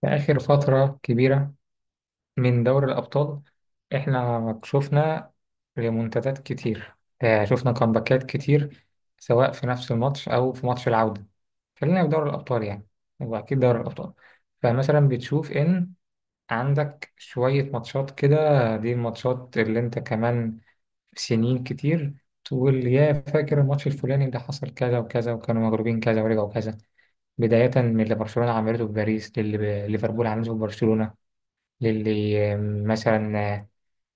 في آخر فترة كبيرة من دوري الأبطال، إحنا شفنا ريمونتادات كتير. شفنا كامباكات كتير سواء في نفس الماتش أو في ماتش العودة. خلينا في دوري الأبطال يعني، هو أكيد دوري الأبطال. فمثلا بتشوف إن عندك شوية ماتشات كده، دي الماتشات اللي أنت كمان سنين كتير تقول يا فاكر الماتش الفلاني ده حصل كذا وكذا وكانوا مغلوبين كذا ورجعوا كذا. بداية من اللي برشلونة عملته في باريس، للي ليفربول عملته في برشلونة، للي مثلا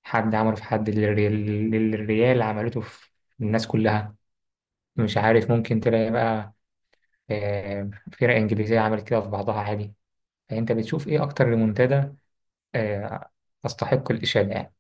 حد عمله في حد، للي الريال عملته في الناس كلها. مش عارف ممكن تلاقي بقى، آه، فرق إنجليزية عملت كده في بعضها عادي. فأنت بتشوف إيه أكتر ريمونتادا آه، تستحق الإشادة يعني؟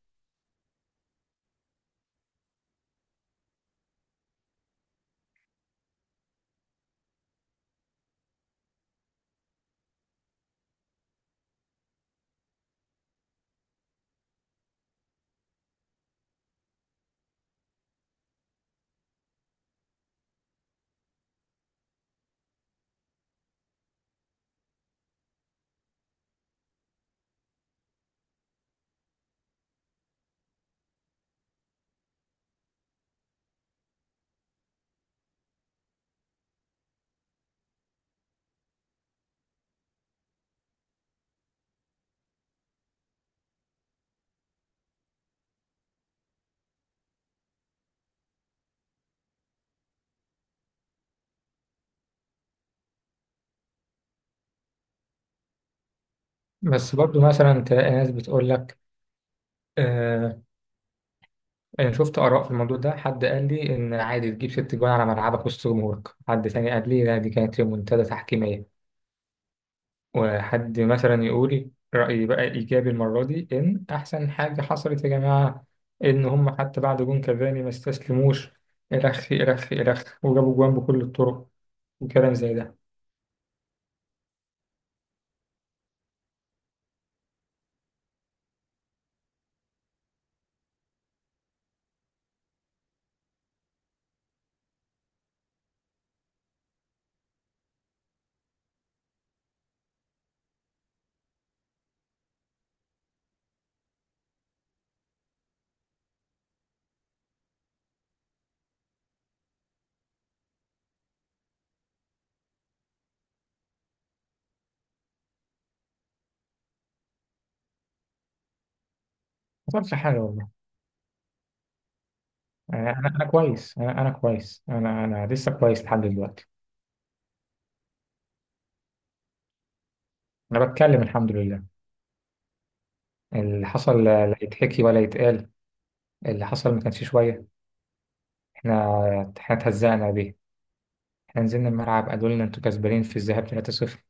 بس برضو مثلا تلاقي ناس بتقول لك، آه، أنا شفت آراء في الموضوع ده. حد قال لي إن عادي تجيب 6 جوان على ملعبك وسط جمهورك، حد تاني قال لي لا دي كانت ريمونتادا تحكيمية، وحد مثلا يقول رأيي بقى إيجابي المرة دي إن أحسن حاجة حصلت يا جماعة إن هم حتى بعد جون كافاني ما استسلموش، إلخ إلخ إلخ، وجابوا جوان بكل الطرق، وكلام زي ده. ما حصلش حاجة والله. أنا كويس، أنا كويس، أنا لسه كويس لحد دلوقتي. أنا بتكلم الحمد لله. اللي حصل لا يتحكي ولا يتقال. اللي حصل ما كانش شوية. إحنا اتهزقنا بيه. إحنا نزلنا الملعب قالوا لنا أنتوا كسبانين في الذهاب 3-0.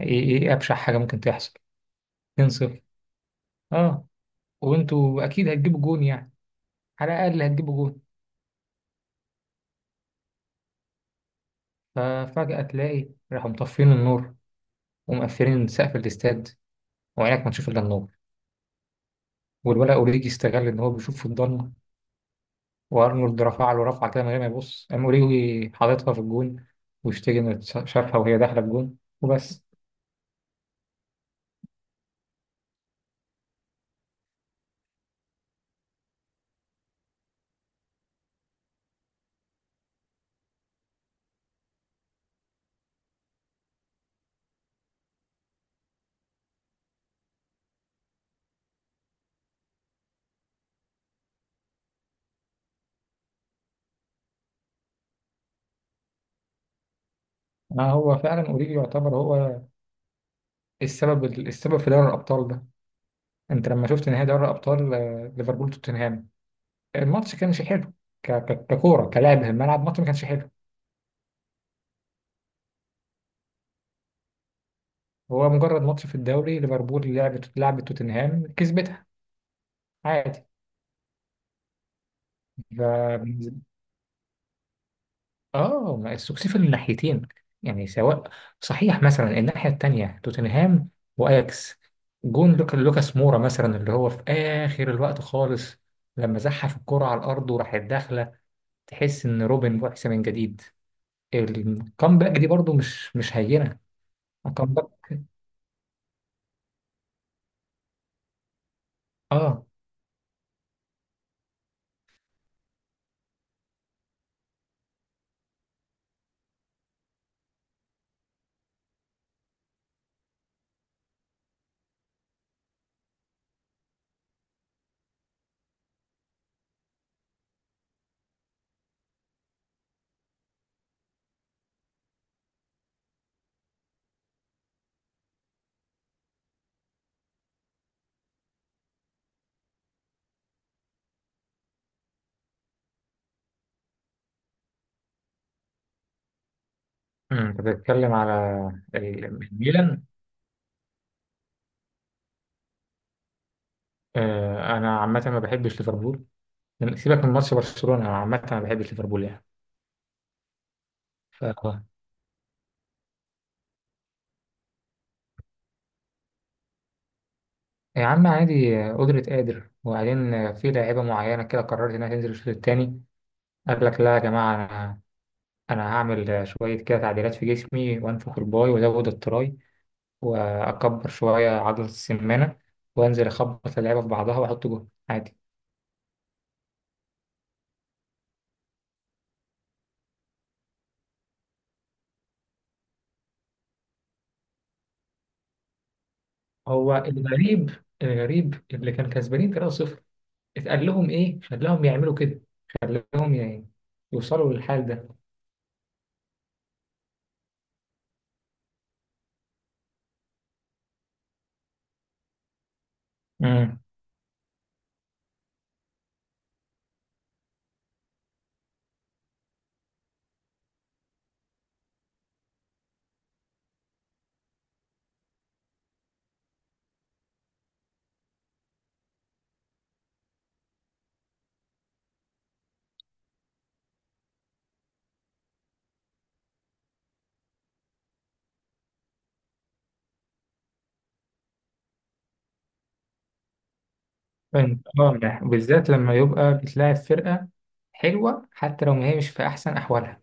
إيه أبشع حاجة ممكن تحصل، 2-0. اه، وانتوا اكيد هتجيبوا جون يعني، على الاقل هتجيبوا جون. ففجأة تلاقي راحوا مطفين النور، ومقفلين سقف الاستاد، وعينك ما تشوف الا النور. والولا اوريجي استغل ان هو بيشوف في الضلمه، وارنولد رفع له رفعه كده من غير ما يبص، قام اوريجي حاططها في الجون، واشتكى ان شافها وهي داخله الجون وبس. هو فعلا اوريجي يعتبر هو السبب في دوري الابطال ده. انت لما شفت نهائي دوري الابطال، ليفربول توتنهام، الماتش كانش حلو. ككوره كلعب في الملعب، الماتش ما كانش حلو. هو مجرد ماتش في الدوري، ليفربول لعبت توتنهام كسبتها عادي. ف اه ما السكسيس من الناحيتين، يعني سواء، صحيح مثلا الناحية التانية توتنهام واياكس، جون لوكا لوكاس مورا مثلا اللي هو في اخر الوقت خالص لما زحف الكرة على الارض وراحت داخلة، تحس ان روبن بعث من جديد. الكامباك دي برضو مش هينة، الكامباك. اه، انت بتتكلم على الميلان. انا عامة ما بحبش ليفربول. سيبك من ماتش برشلونة، أنا عامة أنا ما بحبش ليفربول يعني. ف يا عم عادي، قدرة قادر، وبعدين في لاعيبة معينة كده قررت إنها تنزل الشوط التاني، قال لك لا يا جماعة أنا، أنا هعمل شوية كده تعديلات في جسمي وأنفخ الباي وأزود التراي وأكبر شوية عضلة السمانة وأنزل أخبط اللعيبة في بعضها وأحط جول عادي. هو الغريب اللي كان كسبانين 3-0، اتقال لهم إيه خلاهم يعملوا كده؟ خلاهم يوصلوا للحال ده؟ مم. فاهم اه، ده بالذات لما يبقى بتلاعب فرقة حلوة، حتى لو ما هي مش في أحسن أحوالها.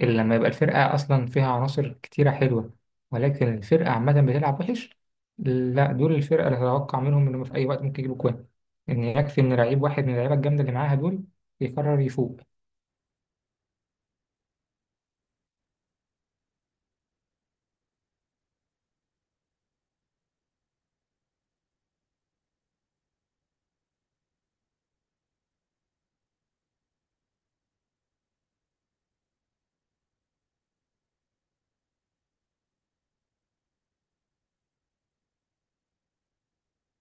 إلا لما يبقى الفرقة أصلا فيها عناصر كتيرة حلوة ولكن الفرقة عامة بتلعب وحش، لا دول الفرقة اللي هتوقع منهم إنهم في أي وقت ممكن يجيبوا جوان. إن يكفي إن لعيب واحد من اللعيبة الجامدة اللي معاها دول يقرر يفوق.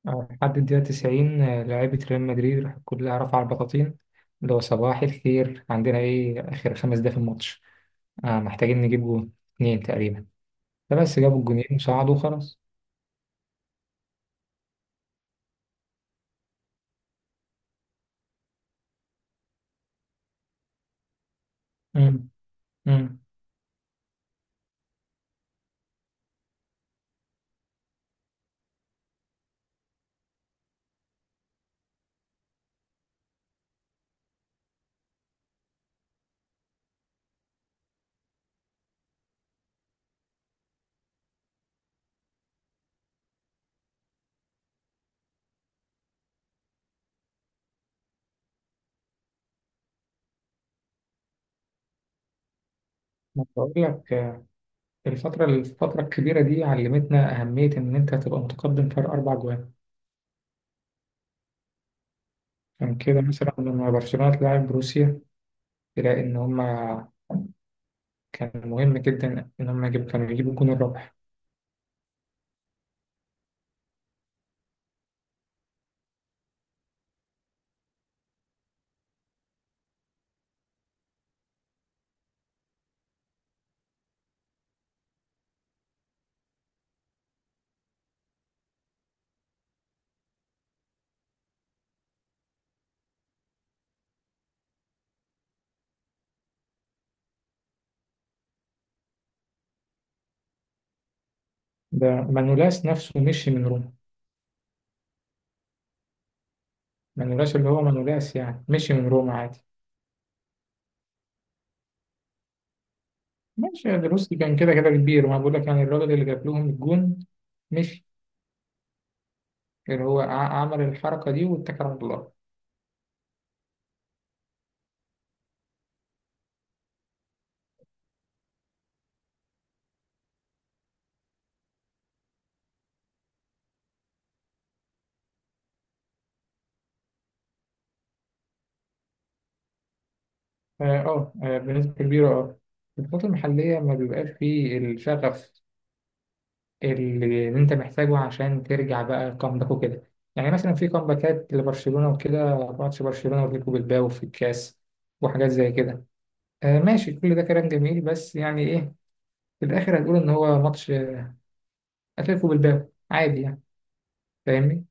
آه، لحد الدقيقة 90، لعيبة ريال مدريد راح كلها رفع البطاطين، اللي هو صباح الخير عندنا إيه، آخر 5 دقايق في الماتش. آه، محتاجين نجيب جون اتنين تقريبا، فبس جابوا الجونين وصعدوا وخلاص. امم امم بقول لك، الفترة الكبيرة دي علمتنا أهمية إن أنت تبقى متقدم فرق 4 جوان. عشان كده مثلا لما برشلونة تلاعب بروسيا، تلاقي إن هما كان مهم جدا إن هما كانوا يجيبوا الجون الرابح. ده مانولاس نفسه مشي من روما. مانولاس اللي هو مانولاس يعني مشي من روما عادي. ماشي يا دروسي كان كده كده كبير، وأنا بقول لك يعني الراجل اللي جاب لهم الجون مشي، اللي هو عمل الحركة دي واتكل على الله. اه، بنسبة كبيرة اه. البطولات المحلية ما بيبقاش فيه الشغف اللي انت محتاجه عشان ترجع بقى كامباك وكده. يعني مثلا في كامباكات لبرشلونة وكده، ماتش برشلونة واتلتيكو بالباو في الكاس، وحاجات زي كده. ماشي، كل ده كلام جميل بس يعني ايه، في الآخر هتقول إن هو ماتش أتلتيكو بالباو عادي يعني. فاهمني؟